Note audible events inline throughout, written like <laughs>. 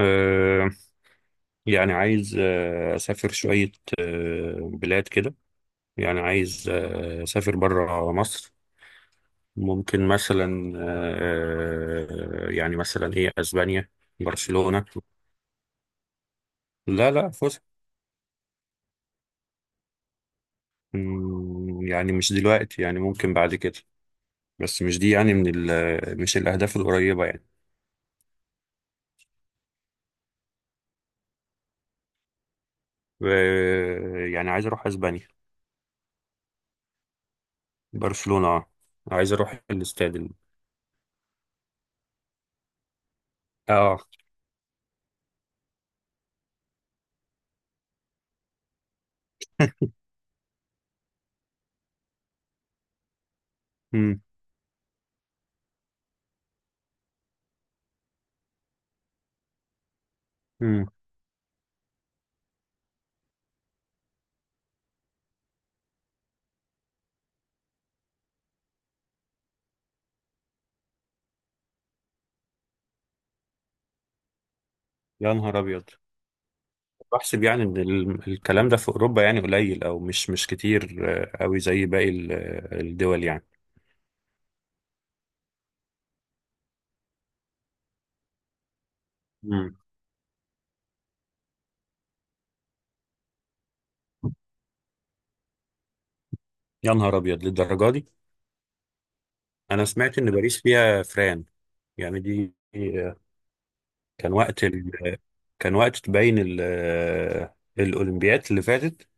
آه، يعني عايز أسافر شوية بلاد كده. يعني عايز أسافر برا مصر. ممكن مثلا يعني مثلا إيه أسبانيا، برشلونة. لا لا، فسح. يعني مش دلوقتي، يعني ممكن بعد كده، بس مش دي يعني من مش الأهداف القريبة يعني. يعني عايز أروح أسبانيا، برشلونة آه. عايز أروح الاستاد آه. مم، مم. يا نهار أبيض. بحسب يعني ان الكلام ده في اوروبا يعني قليل او مش كتير قوي زي باقي الدول يعني. مم. يا نهار ابيض للدرجه دي. انا سمعت ان باريس فيها فران، يعني دي. كان وقت ال... كان وقت تبين ال... آه، الاولمبياد اللي فاتت،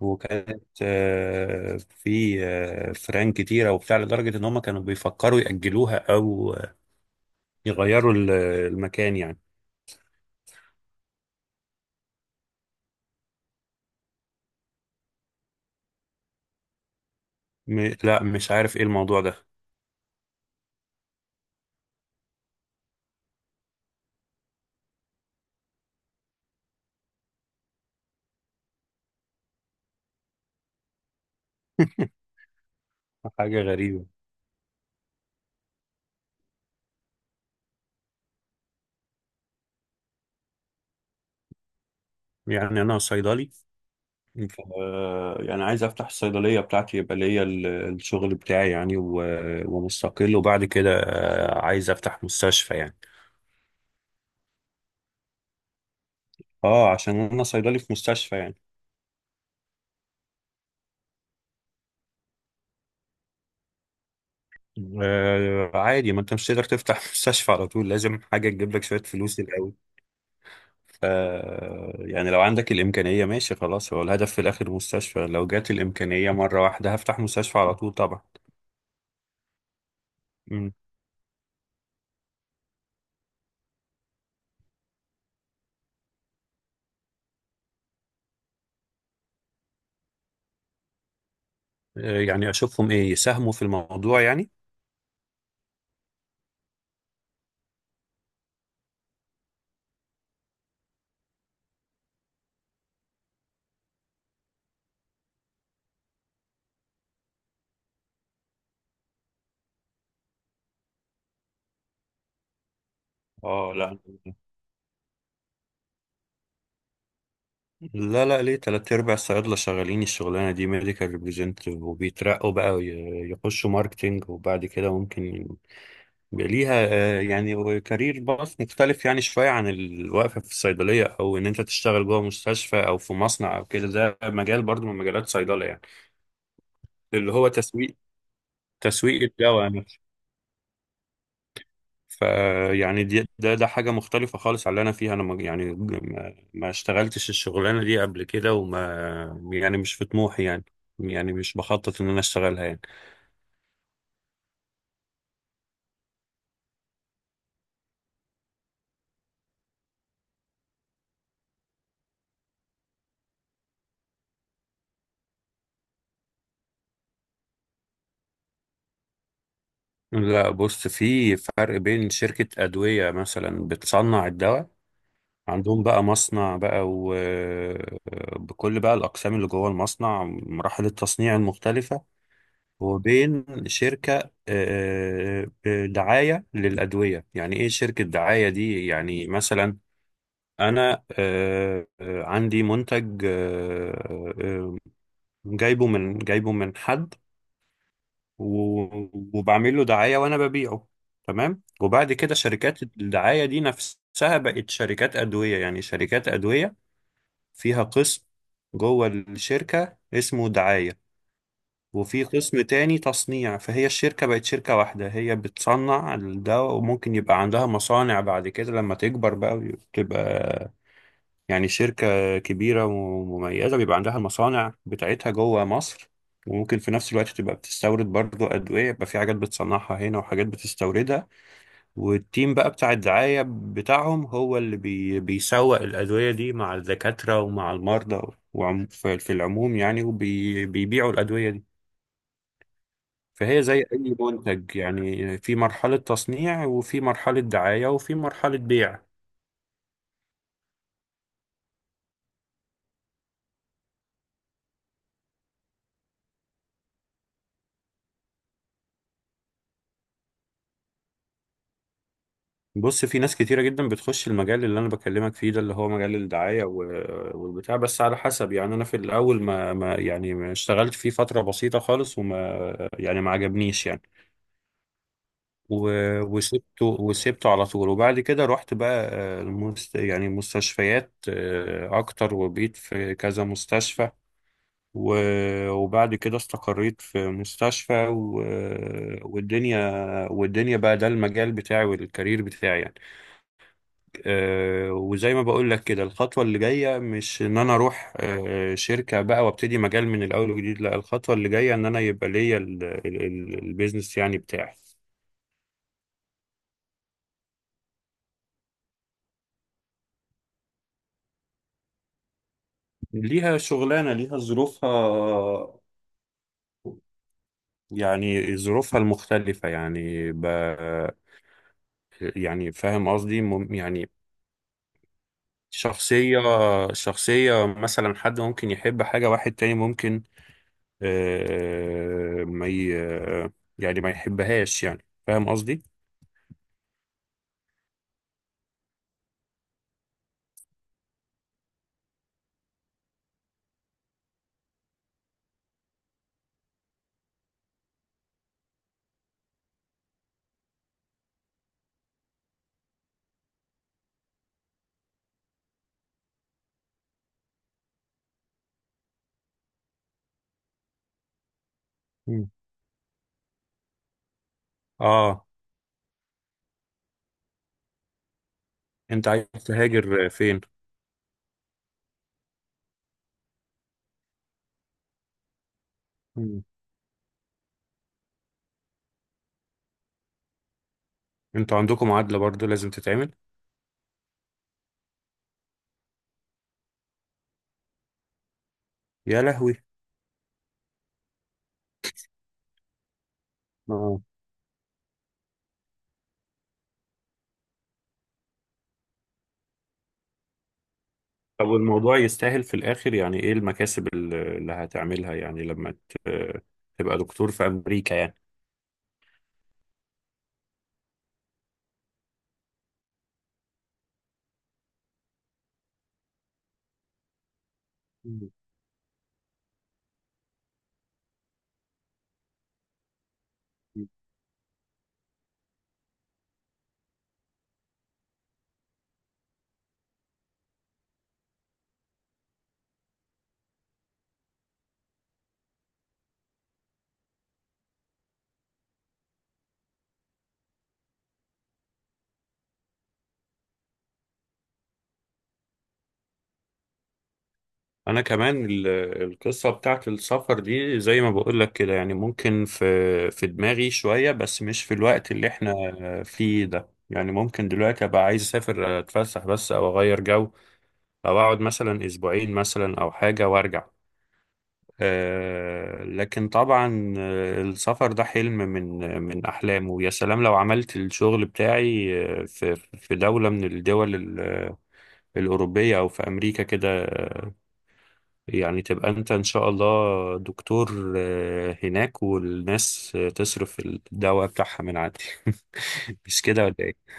وكانت في فران كتيره وبتاع لدرجه ان هم كانوا بيفكروا ياجلوها او يغيروا المكان يعني. لا، مش عارف ايه الموضوع ده. حاجه غريبه. يعني أنا صيدلي، ف- يعني عايز أفتح الصيدلية بتاعتي، يبقى ليا الشغل بتاعي يعني، ومستقل. وبعد كده عايز أفتح مستشفى يعني. أه، عشان أنا صيدلي في مستشفى يعني. آه، عادي، ما أنت مش تقدر تفتح <laughs> مستشفى على طول، لازم حاجة تجيب لك شوية فلوس الأول. ف يعني لو عندك الإمكانية ماشي خلاص، هو الهدف في الآخر مستشفى، لو جات الإمكانية مرة واحدة هفتح مستشفى على طول طبعا. مم. يعني أشوفهم إيه، يساهموا في الموضوع يعني. اه، لا لا لا، ليه تلات أرباع الصيادلة شغالين الشغلانة دي، ميديكال ريبريزنتيف، وبيترقوا بقى وي- يخشوا ماركتينج، وبعد كده ممكن يبقى ليها يعني كارير باث مختلف يعني شوية عن الوقفة في الصيدلية، أو إن أنت تشتغل جوه مستشفى أو في مصنع أو كده. ده مجال برضو من مجالات صيدلة يعني، اللي هو تسويق، تسويق الدواء. فيعني دي ده حاجة مختلفة خالص على اللي أنا فيها. أنا ما يعني ما اشتغلتش الشغلانة دي قبل كده، وما يعني مش في طموحي يعني. يعني مش بخطط إن أنا أشتغلها يعني. لا، بص، في فرق بين شركة أدوية مثلا بتصنع الدواء، عندهم بقى مصنع بقى، وبكل بقى الأقسام اللي جوه المصنع، مراحل التصنيع المختلفة، وبين شركة دعاية للأدوية. يعني إيه شركة دعاية دي؟ يعني مثلا انا عندي منتج جايبه من حد، و- وبعمل له دعاية وانا ببيعه. تمام. وبعد كده شركات الدعاية دي نفسها بقت شركات أدوية. يعني شركات أدوية فيها قسم جوه الشركة اسمه دعاية، وفي قسم تاني تصنيع. فهي الشركة بقت شركة واحدة، هي بتصنع الدواء، وممكن يبقى عندها مصانع بعد كده لما تكبر بقى، وتبقى يعني شركة كبيرة ومميزة بيبقى عندها المصانع بتاعتها جوه مصر. وممكن في نفس الوقت تبقى بتستورد برضو أدوية، يبقى في حاجات بتصنعها هنا وحاجات بتستوردها. والتيم بقى بتاع الدعاية بتاعهم هو اللي بيسوق الأدوية دي مع الدكاترة ومع المرضى، وعم في العموم يعني، وبيبيعوا الأدوية دي. فهي زي أي منتج يعني، في مرحلة تصنيع، وفي مرحلة دعاية، وفي مرحلة بيع. بص، في ناس كتيرة جدا بتخش المجال اللي أنا بكلمك فيه ده، اللي هو مجال الدعاية والبتاع، بس على حسب يعني. أنا في الأول ما يعني ما اشتغلت فيه فترة بسيطة خالص، وما يعني ما عجبنيش يعني، وسبته وسبته على طول. وبعد كده رحت بقى آه، المست يعني مستشفيات أكتر، وبقيت في كذا مستشفى، وبعد كده استقريت في مستشفى، والدنيا، والدنيا بقى ده المجال بتاعي والكارير بتاعي يعني. وزي ما بقول لك كده، الخطوة اللي جاية مش ان انا اروح شركة بقى وابتدي مجال من الاول وجديد، لا، الخطوة اللي جاية ان انا يبقى ليا البيزنس يعني بتاعي. ليها شغلانة، ليها ظروفها، يعني ظروفها المختلفة يعني يعني فاهم قصدي؟ يعني شخصية، شخصية، مثلا حد ممكن يحب حاجة، واحد تاني ممكن آه، ما ي... يعني ما يحبهاش. يعني فاهم قصدي؟ اه، انت عايز تهاجر فين؟ مم. انتوا عندكم معادلة برضو لازم تتعمل. يا لهوي. اه. طب الموضوع يستاهل في الاخر يعني؟ ايه المكاسب اللي هتعملها يعني لما تبقى دكتور في امريكا يعني؟ مم. انا كمان القصة بتاعت السفر دي زي ما بقول لك كده، يعني ممكن في دماغي شوية، بس مش في الوقت اللي احنا فيه ده. يعني ممكن دلوقتي ابقى عايز اسافر اتفسح بس، او اغير جو، او اقعد مثلا اسبوعين مثلا او حاجة وارجع. لكن طبعا السفر ده حلم من من أحلامه. ويا سلام لو عملت الشغل بتاعي في دولة من الدول الأوروبية أو في أمريكا كده. يعني تبقى أنت إن شاء الله دكتور هناك، والناس تصرف الدواء بتاعها من عندي. <laughs> مش كده ولا إيه؟